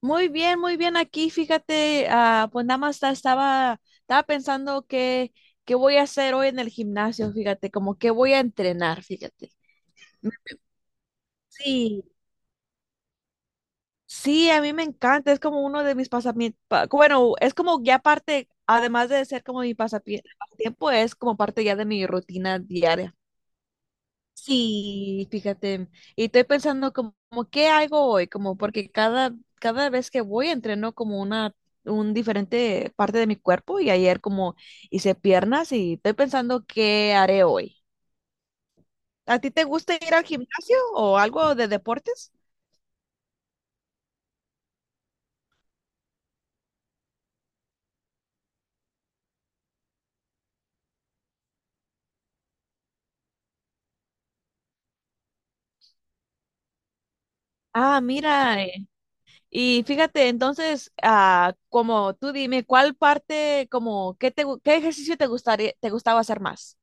Muy bien aquí, fíjate, pues nada más estaba pensando qué voy a hacer hoy en el gimnasio, fíjate, como que voy a entrenar, fíjate. Sí. Sí, a mí me encanta, es como uno de mis pasamientos, bueno, es como ya parte, además de ser como mi pasatiempo, es como parte ya de mi rutina diaria. Sí, fíjate, y estoy pensando como, qué hago hoy, como porque cada vez que voy entreno como una un diferente parte de mi cuerpo y ayer como hice piernas y estoy pensando qué haré hoy. ¿A ti te gusta ir al gimnasio o algo de deportes? Ah, mira, y fíjate, entonces, como tú dime, ¿cuál parte, como, qué ejercicio te gustaría, te gustaba hacer más?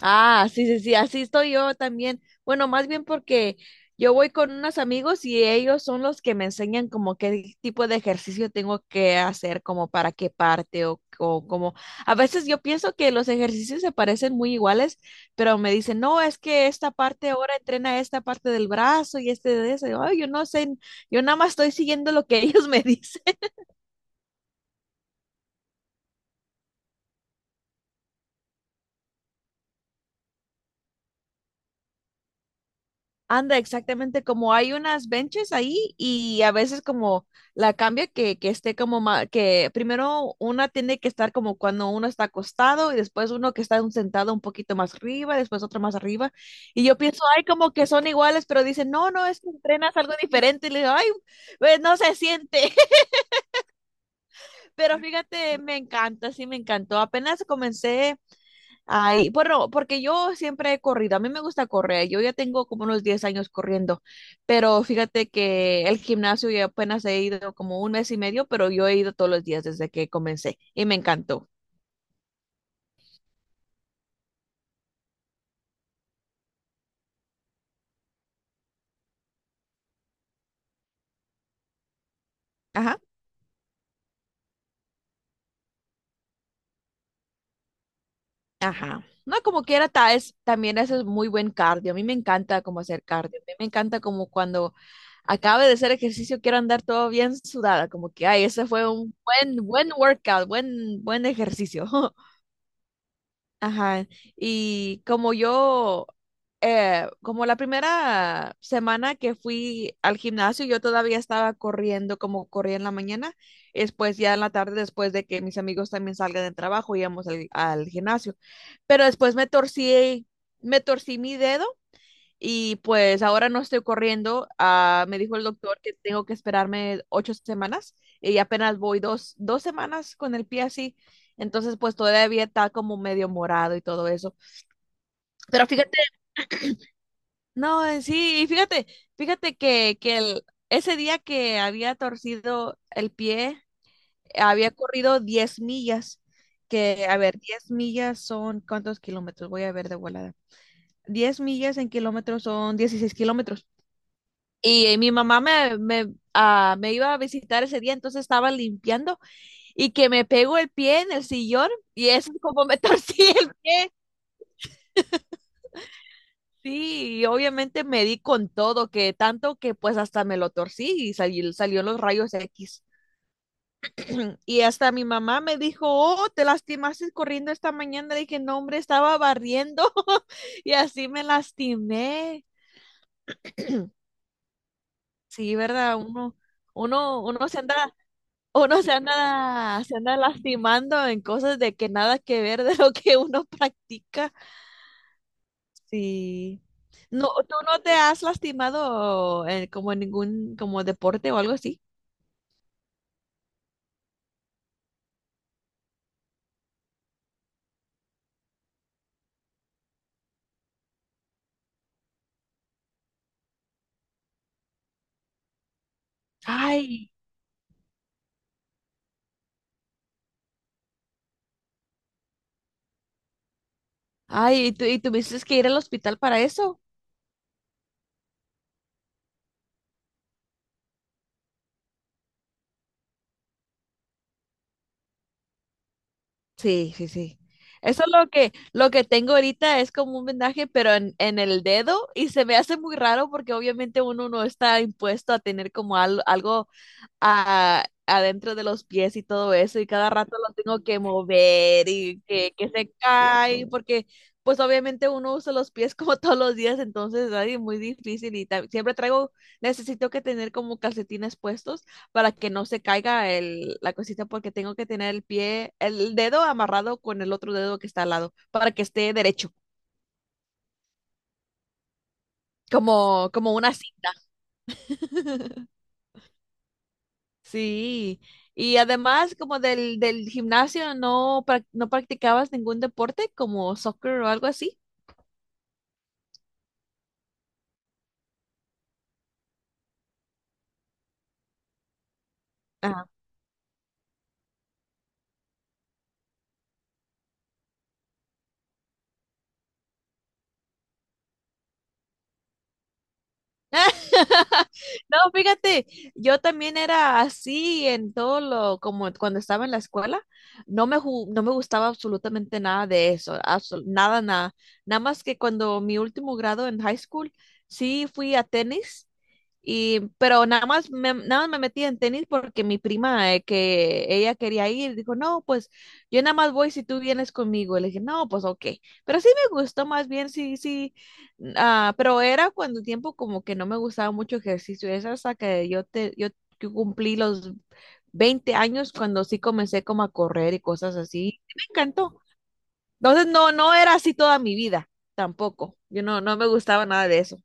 Ah, sí, sí, sí, así estoy yo también. Bueno, más bien porque yo voy con unos amigos y ellos son los que me enseñan como qué tipo de ejercicio tengo que hacer, como para qué parte o como... A veces yo pienso que los ejercicios se parecen muy iguales, pero me dicen, no, es que esta parte ahora entrena esta parte del brazo y este de eso. Ay, yo no sé, yo nada más estoy siguiendo lo que ellos me dicen. Anda, exactamente, como hay unas benches ahí y a veces como la cambia que esté como que primero una tiene que estar como cuando uno está acostado y después uno que está un sentado un poquito más arriba, después otro más arriba. Y yo pienso, ay, como que son iguales, pero dicen, no, no, es que entrenas algo diferente. Y le digo, ay, pues no se siente, pero fíjate, me encanta, sí, me encantó. Apenas comencé. Ay, bueno, porque yo siempre he corrido, a mí me gusta correr, yo ya tengo como unos 10 años corriendo, pero fíjate que el gimnasio ya apenas he ido como un mes y medio, pero yo he ido todos los días desde que comencé y me encantó. Ajá, ajá. No, como quiera, también eso es muy buen cardio, a mí me encanta como hacer cardio, a mí me encanta como cuando acabe de hacer ejercicio quiero andar todo bien sudada, como que, ay, ese fue un buen, buen workout, buen, buen ejercicio. Ajá, y como yo, como la primera semana que fui al gimnasio, yo todavía estaba corriendo como corría en la mañana, y después ya en la tarde, después de que mis amigos también salgan del trabajo, íbamos al gimnasio, pero después me torcí, mi dedo y pues ahora no estoy corriendo. Me dijo el doctor que tengo que esperarme 8 semanas y apenas voy dos semanas con el pie así. Entonces, pues todavía está como medio morado y todo eso. Pero fíjate, no, sí, y fíjate que ese día que había torcido el pie, había corrido 10 millas. Que, a ver, 10 millas son, ¿cuántos kilómetros? Voy a ver de volada. Diez millas en kilómetros son 16 kilómetros. Y mi mamá me iba a visitar ese día, entonces estaba limpiando y que me pegó el pie en el sillón y eso es como me torcí el pie. Sí, y obviamente me di con todo, que tanto que pues hasta me lo torcí y salió los rayos X. Y hasta mi mamá me dijo, oh, te lastimaste corriendo esta mañana. Le dije, no, hombre, estaba barriendo y así me lastimé. Sí, ¿verdad? Uno, uno se anda Uno se anda lastimando en cosas de que nada que ver de lo que uno practica. Sí. No, ¿tú no te has lastimado como en ningún como deporte o algo así? Ay, ay, ¿y tuviste que ir al hospital para eso? Sí, sí, sí. Eso es lo que tengo ahorita es como un vendaje, pero en el dedo, y se me hace muy raro porque obviamente uno no está impuesto a tener como algo, adentro de los pies y todo eso, y cada rato lo tengo que mover y que se cae, porque pues obviamente uno usa los pies como todos los días, entonces ay, muy difícil y siempre traigo, necesito que tener como calcetines puestos para que no se caiga la cosita porque tengo que tener el pie, el dedo amarrado con el otro dedo que está al lado para que esté derecho, como una cinta. Sí, y además como del gimnasio no, no practicabas ningún deporte como soccer o algo así. Ajá. No, fíjate, yo también era así en todo lo, como cuando estaba en la escuela, no me gustaba absolutamente nada de eso, nada, nada, nada más que cuando mi último grado en high school, sí fui a tenis pero nada más me metí en tenis porque mi prima, que ella quería ir, dijo, no, pues yo nada más voy si tú vienes conmigo. Y le dije, no, pues ok. Pero sí me gustó más bien, sí, sí. Pero era cuando tiempo como que no me gustaba mucho ejercicio. Es hasta que yo cumplí los 20 años cuando sí comencé como a correr y cosas así. Me encantó. Entonces no, no era así toda mi vida tampoco. Yo no, no me gustaba nada de eso.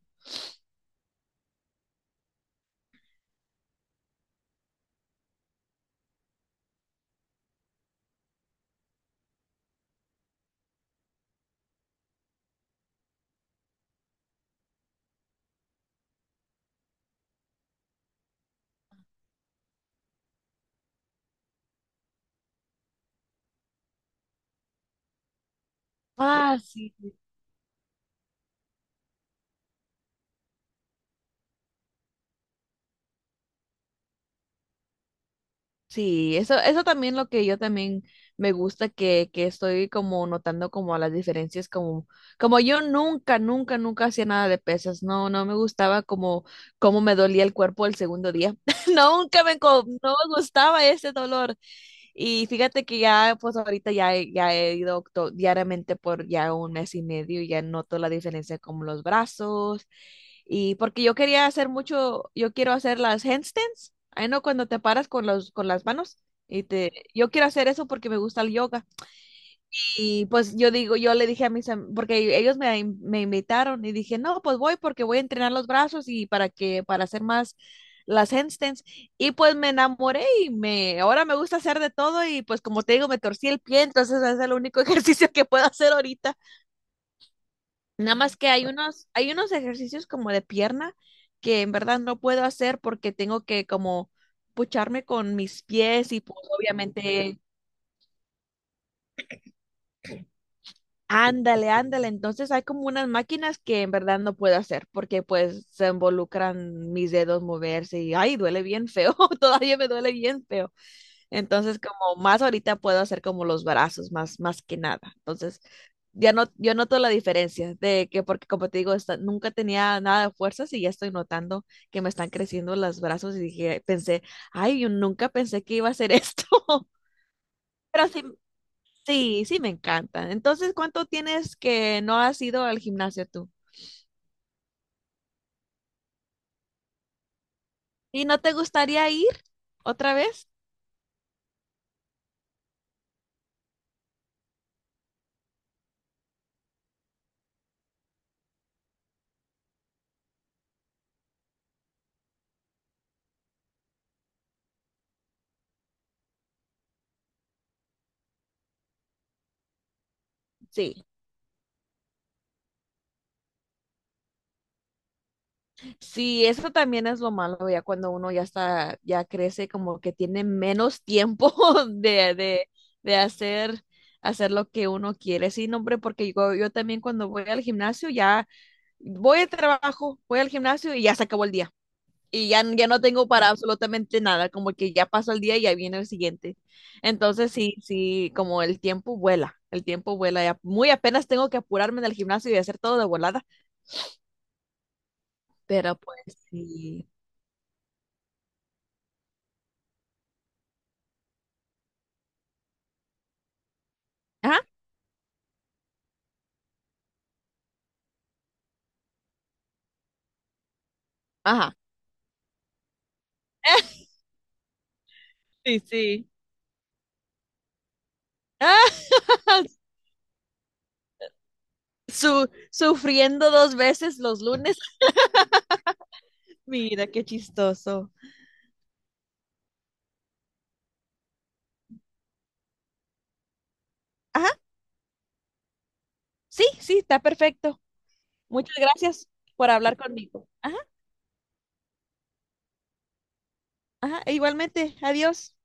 Ah, sí. Sí, eso, también lo que yo también me gusta que estoy como notando como las diferencias como yo nunca, nunca, nunca hacía nada de pesas. No, no me gustaba como me dolía el cuerpo el segundo día. Nunca no me gustaba ese dolor. Y fíjate que ya, pues ahorita ya, ya he ido diariamente por ya un mes y medio y ya noto la diferencia como los brazos. Y porque yo quería hacer mucho, yo quiero hacer las handstands, ahí no cuando te paras con las manos y yo quiero hacer eso porque me gusta el yoga. Y pues yo digo, yo le dije a porque ellos me invitaron y dije, no, pues voy porque voy a entrenar los brazos y para hacer más las handstands. Y pues me enamoré y ahora me gusta hacer de todo y pues como te digo, me torcí el pie, entonces ese es el único ejercicio que puedo hacer ahorita. Nada más que hay unos ejercicios como de pierna que en verdad no puedo hacer porque tengo que como pucharme con mis pies y pues obviamente ándale, ándale. Entonces hay como unas máquinas que en verdad no puedo hacer porque pues se involucran mis dedos moverse y ay, duele bien feo, todavía me duele bien feo. Entonces, como más ahorita puedo hacer como los brazos, más, más que nada. Entonces, ya no, yo noto la diferencia de que, porque como te digo, nunca tenía nada de fuerzas y ya estoy notando que me están creciendo los brazos y dije, pensé, ay, yo nunca pensé que iba a hacer esto. Pero sí, sí, sí me encanta. Entonces, ¿cuánto tienes que no has ido al gimnasio tú? ¿Y no te gustaría ir otra vez? Sí. Sí, eso también es lo malo, ya cuando uno ya está, ya crece, como que tiene menos tiempo de, de, de, hacer lo que uno quiere. Sí, no, hombre, porque yo también cuando voy al gimnasio ya voy al trabajo, voy al gimnasio y ya se acabó el día. Y ya no tengo para absolutamente nada, como que ya pasó el día y ya viene el siguiente. Entonces, sí, sí, como el tiempo vuela, el tiempo vuela. Ya muy apenas tengo que apurarme del gimnasio y hacer todo de volada, pero pues sí. Ajá, ajá. Sí, sí. Ah, sufriendo dos veces los lunes. Mira, qué chistoso. Ajá, sí, sí, está perfecto. Muchas gracias por hablar conmigo. Ajá, ajá, e igualmente. Adiós.